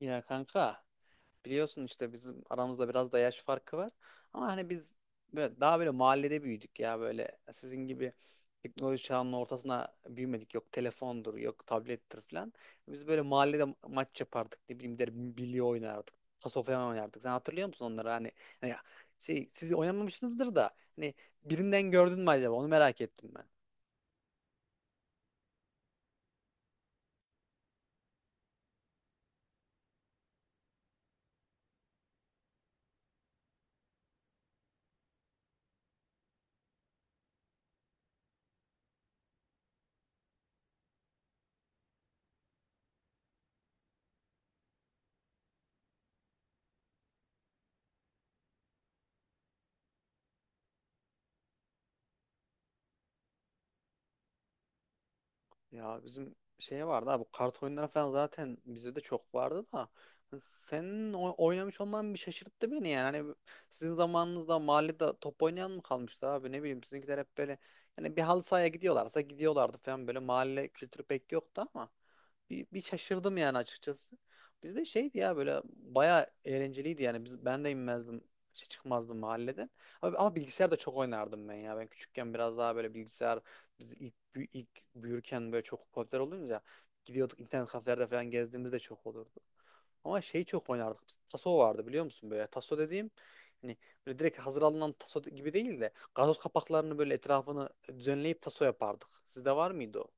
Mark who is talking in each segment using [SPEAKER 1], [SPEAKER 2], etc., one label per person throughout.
[SPEAKER 1] Ya kanka, biliyorsun işte bizim aramızda biraz da yaş farkı var. Ama hani biz böyle daha böyle mahallede büyüdük ya, böyle sizin gibi teknoloji çağının ortasına büyümedik. Yok telefondur, yok tablettir falan. Biz böyle mahallede maç yapardık. Ne bileyim der, bilye oynardık. Paso falan oynardık. Sen hatırlıyor musun onları? Hani, şey, siz oynamamışsınızdır da hani birinden gördün mü acaba? Onu merak ettim. Ya bizim şey vardı abi, kart oyunları falan zaten bizde de çok vardı da hani senin oynamış olman bir şaşırttı beni yani. Hani sizin zamanınızda mahallede top oynayan mı kalmıştı abi, ne bileyim, sizinkiler hep böyle hani bir halı sahaya gidiyorlarsa gidiyorlardı falan, böyle mahalle kültürü pek yoktu ama bir şaşırdım yani açıkçası. Bizde şeydi ya, böyle bayağı eğlenceliydi yani, biz, ben de inmezdim, şey, çıkmazdım mahalleden. Ama bilgisayar da çok oynardım ben ya, ben küçükken biraz daha böyle bilgisayar, biz ilk, ilk büyürken böyle çok popüler olunca gidiyorduk, internet kafelerde falan gezdiğimizde çok olurdu. Ama şey, çok oynardık. Biz, taso vardı, biliyor musun böyle. Taso dediğim, hani böyle direkt hazır alınan taso gibi değil de gazoz kapaklarını böyle etrafını düzenleyip taso yapardık. Sizde var mıydı o?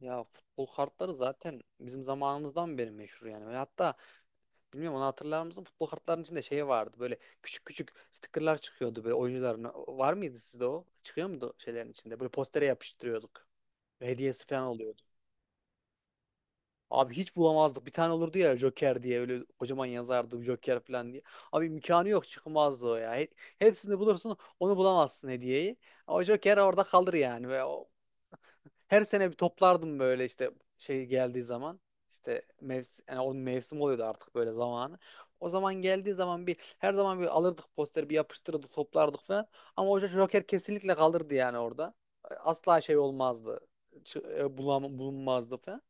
[SPEAKER 1] Ya futbol kartları zaten bizim zamanımızdan beri meşhur yani. Ve hatta bilmiyorum, onu hatırlar mısın? Futbol kartlarının içinde şey vardı. Böyle küçük küçük stickerlar çıkıyordu, böyle oyuncuların. Var mıydı sizde o? Çıkıyor muydu şeylerin içinde? Böyle postere yapıştırıyorduk. Hediyesi falan oluyordu. Abi hiç bulamazdık. Bir tane olurdu ya, Joker diye, öyle kocaman yazardı Joker falan diye. Abi imkanı yok çıkmazdı o ya. Hepsini bulursun, onu bulamazsın, hediyeyi. O Joker orada kalır yani. Ve her sene bir toplardım böyle işte şey geldiği zaman. İşte mevsim, yani onun mevsim oluyordu artık böyle zamanı. O zaman geldiği zaman bir, her zaman bir alırdık posteri, bir yapıştırırdık, toplardık falan. Ama o Joker kesinlikle kalırdı yani orada. Asla şey olmazdı. Bulunmazdı falan.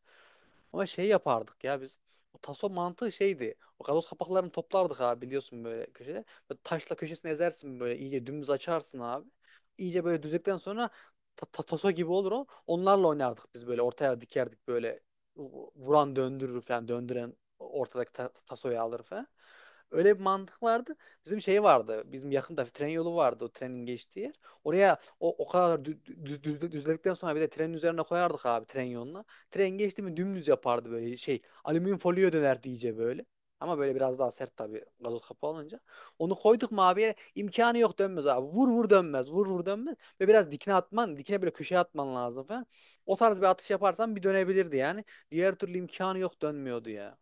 [SPEAKER 1] Ama şey yapardık ya biz. O taso mantığı şeydi. O gazoz kapaklarını toplardık abi, biliyorsun böyle köşede. Böyle taşla köşesini ezersin, böyle iyice dümdüz açarsın abi. İyice böyle düzdükten sonra taso gibi olur o. Onlarla oynardık biz, böyle ortaya dikerdik böyle, vuran döndürür falan, döndüren ortadaki tasoyu alır falan. Öyle bir mantık vardı. Bizim şey vardı. Bizim yakında tren yolu vardı, o trenin geçtiği yer. Oraya o kadar düzledikten sonra bir de trenin üzerine koyardık abi, tren yoluna. Tren geçti mi dümdüz yapardı böyle şey, alüminyum folyoya dönerdi iyice böyle. Ama böyle biraz daha sert tabii, gazoz kapağı olunca. Onu koyduk mu abi yere, imkanı yok dönmez abi. Vur vur dönmez. Vur vur dönmez. Ve biraz dikine atman, dikine böyle köşeye atman lazım falan. O tarz bir atış yaparsan bir dönebilirdi yani. Diğer türlü imkanı yok dönmüyordu ya.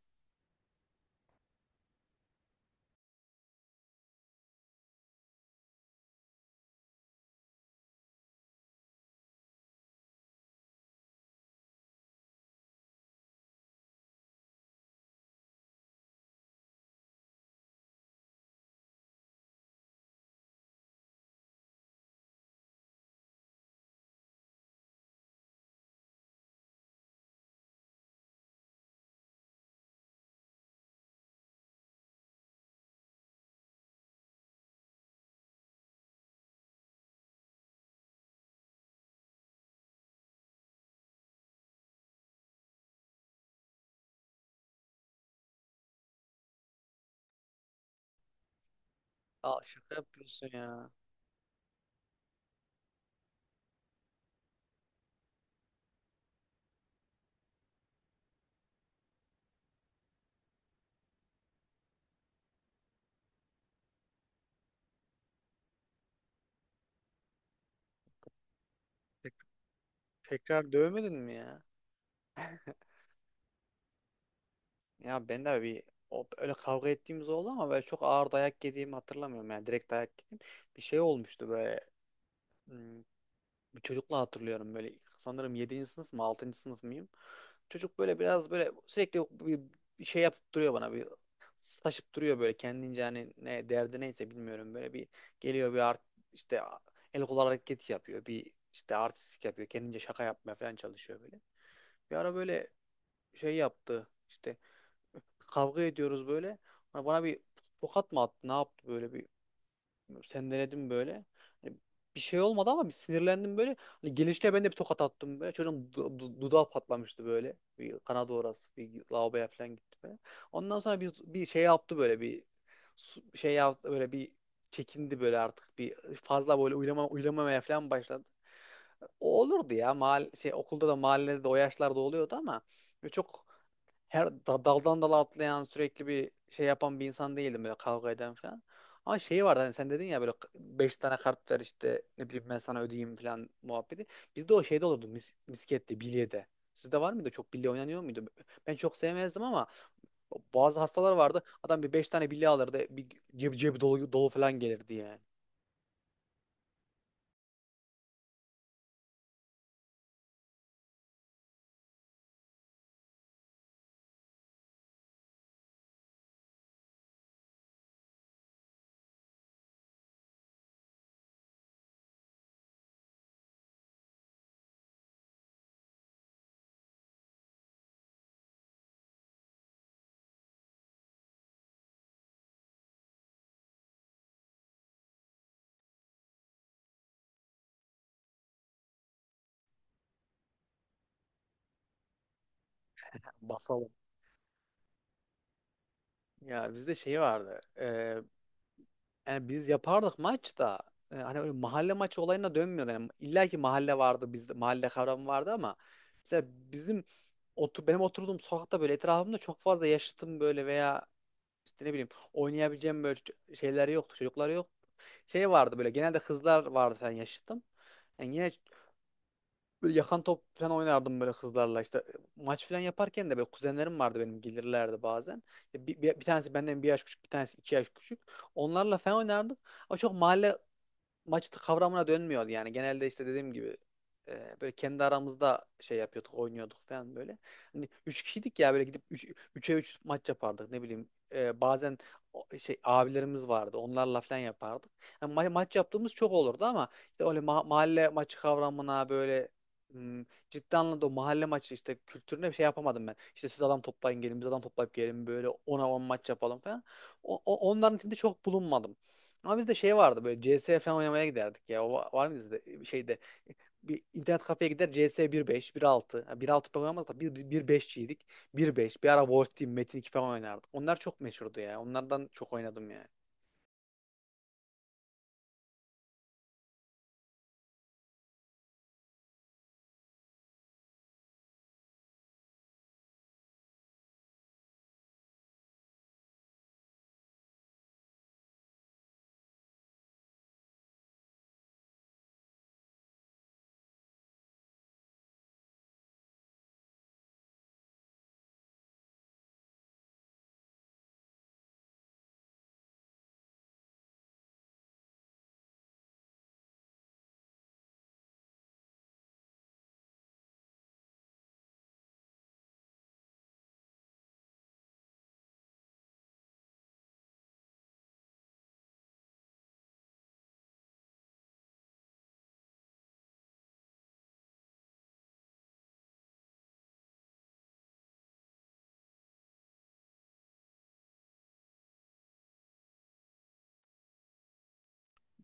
[SPEAKER 1] Al, şaka yapıyorsun ya. Tek- tekrar dövmedin mi ya? Ya ben de bir öyle kavga ettiğimiz oldu ama böyle çok ağır dayak yediğimi hatırlamıyorum yani, direkt dayak yedim. Bir şey olmuştu böyle. Hmm, bir çocukla hatırlıyorum böyle, sanırım yedinci sınıf mı, 6. sınıf mıyım? Çocuk böyle biraz böyle sürekli bir şey yapıp duruyor, bana bir taşıp duruyor böyle kendince, hani ne derdi neyse bilmiyorum, böyle bir geliyor, bir art, işte el kol hareketi yapıyor, bir işte artistik yapıyor kendince, şaka yapmaya falan çalışıyor böyle. Bir ara böyle şey yaptı, işte kavga ediyoruz böyle, bana bir tokat mı attı ne yaptı, böyle bir sen denedin böyle. Hani bir şey olmadı ama bir sinirlendim böyle. Hani gelişle ben de bir tokat attım böyle. Çocuğun dudağı patlamıştı böyle. Bir kanadı orası. Bir lavaboya falan gitti böyle. Ondan sonra bir şey yaptı böyle, bir şey yaptı böyle, bir çekindi böyle artık, bir fazla böyle uylamamaya falan başladı. O olurdu ya. Okulda da mahallede de o yaşlarda oluyordu ama böyle çok her daldan dala atlayan, sürekli bir şey yapan bir insan değildim böyle, kavga eden falan. Ama şeyi vardı, hani sen dedin ya, böyle beş tane kart ver işte, ne bileyim ben sana ödeyeyim falan muhabbeti. Bizde o şeyde olurdu, miskette, bilyede. Sizde var mıydı? Çok bilye oynanıyor muydu? Ben çok sevmezdim ama bazı hastalar vardı. Adam bir beş tane bilye alırdı. Bir cebi dolu, dolu falan gelirdi yani. Basalım. Ya bizde şey vardı. Yani biz yapardık maç da, hani öyle mahalle maçı olayına dönmüyordu. Yani illa ki mahalle vardı, bizde mahalle kavramı vardı ama mesela bizim benim oturduğum sokakta böyle etrafımda çok fazla yaşıtım böyle veya işte ne bileyim oynayabileceğim böyle şeyler yoktu, çocuklar yok. Şey vardı böyle, genelde kızlar vardı falan yaşıtım. Yani yine böyle yakan top falan oynardım böyle kızlarla, işte maç falan yaparken de böyle kuzenlerim vardı benim, gelirlerdi bazen. Bir tanesi benden bir yaş küçük, bir tanesi iki yaş küçük. Onlarla falan oynardık. Ama çok mahalle maç kavramına dönmüyor yani. Genelde işte dediğim gibi böyle kendi aramızda şey yapıyorduk, oynuyorduk falan böyle. Hani 3 kişiydik ya, böyle gidip 3'e 3 maç yapardık ne bileyim. Bazen şey, abilerimiz vardı. Onlarla falan yapardık. Yani maç yaptığımız çok olurdu ama işte öyle mahalle maçı kavramına böyle, hmm, ciddi anlamda o mahalle maçı işte kültürüne bir şey yapamadım ben. İşte siz adam toplayın gelin, biz adam toplayıp gelin, böyle ona 10 maç yapalım falan. Onların içinde çok bulunmadım. Ama bizde şey vardı, böyle CS falan oynamaya giderdik ya. O var mı sizde, şeyde bir internet kafeye gider, CS 1.5, 1.6. Yani bir altı oynamadık da 1.5'çiydik. 1.5 bir beşçiydik. Bir beş, bir ara Wolf Team, Metin 2 falan oynardık. Onlar çok meşhurdu ya. Onlardan çok oynadım ya.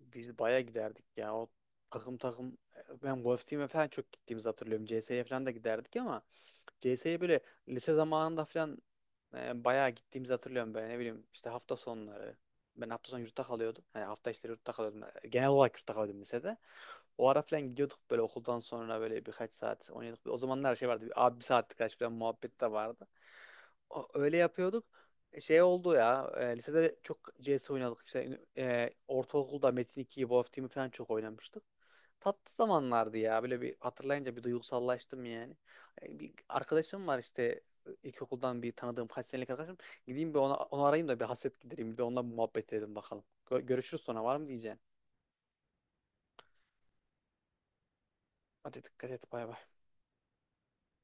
[SPEAKER 1] Biz baya giderdik ya. O takım takım, ben Wolf Team'e falan çok gittiğimizi hatırlıyorum. CS'ye falan da giderdik ama CS'ye böyle lise zamanında falan bayağı gittiğimizi hatırlıyorum, böyle ne bileyim işte hafta sonları. Ben hafta sonu yurtta kalıyordum. Yani hafta içleri yurtta kalıyordum. Genel olarak yurtta kalıyordum lisede. O ara falan gidiyorduk böyle okuldan sonra, böyle birkaç saat oynuyorduk. O zamanlar her şey vardı. Bir, abi bir saatlik kaç falan muhabbet de vardı. Öyle yapıyorduk. Şey oldu ya, lisede çok CS oynadık. İşte ortaokulda Metin 2'yi, Wolf Team'i falan çok oynamıştık. Tatlı zamanlardı ya. Böyle bir hatırlayınca bir duygusallaştım yani. Bir arkadaşım var işte, ilkokuldan bir tanıdığım, kaç senelik arkadaşım. Gideyim bir ona, onu arayayım da bir hasret gidereyim. Bir de onunla bir muhabbet edelim bakalım. Görüşürüz sonra var mı diyeceğim. Hadi dikkat et, bay bay.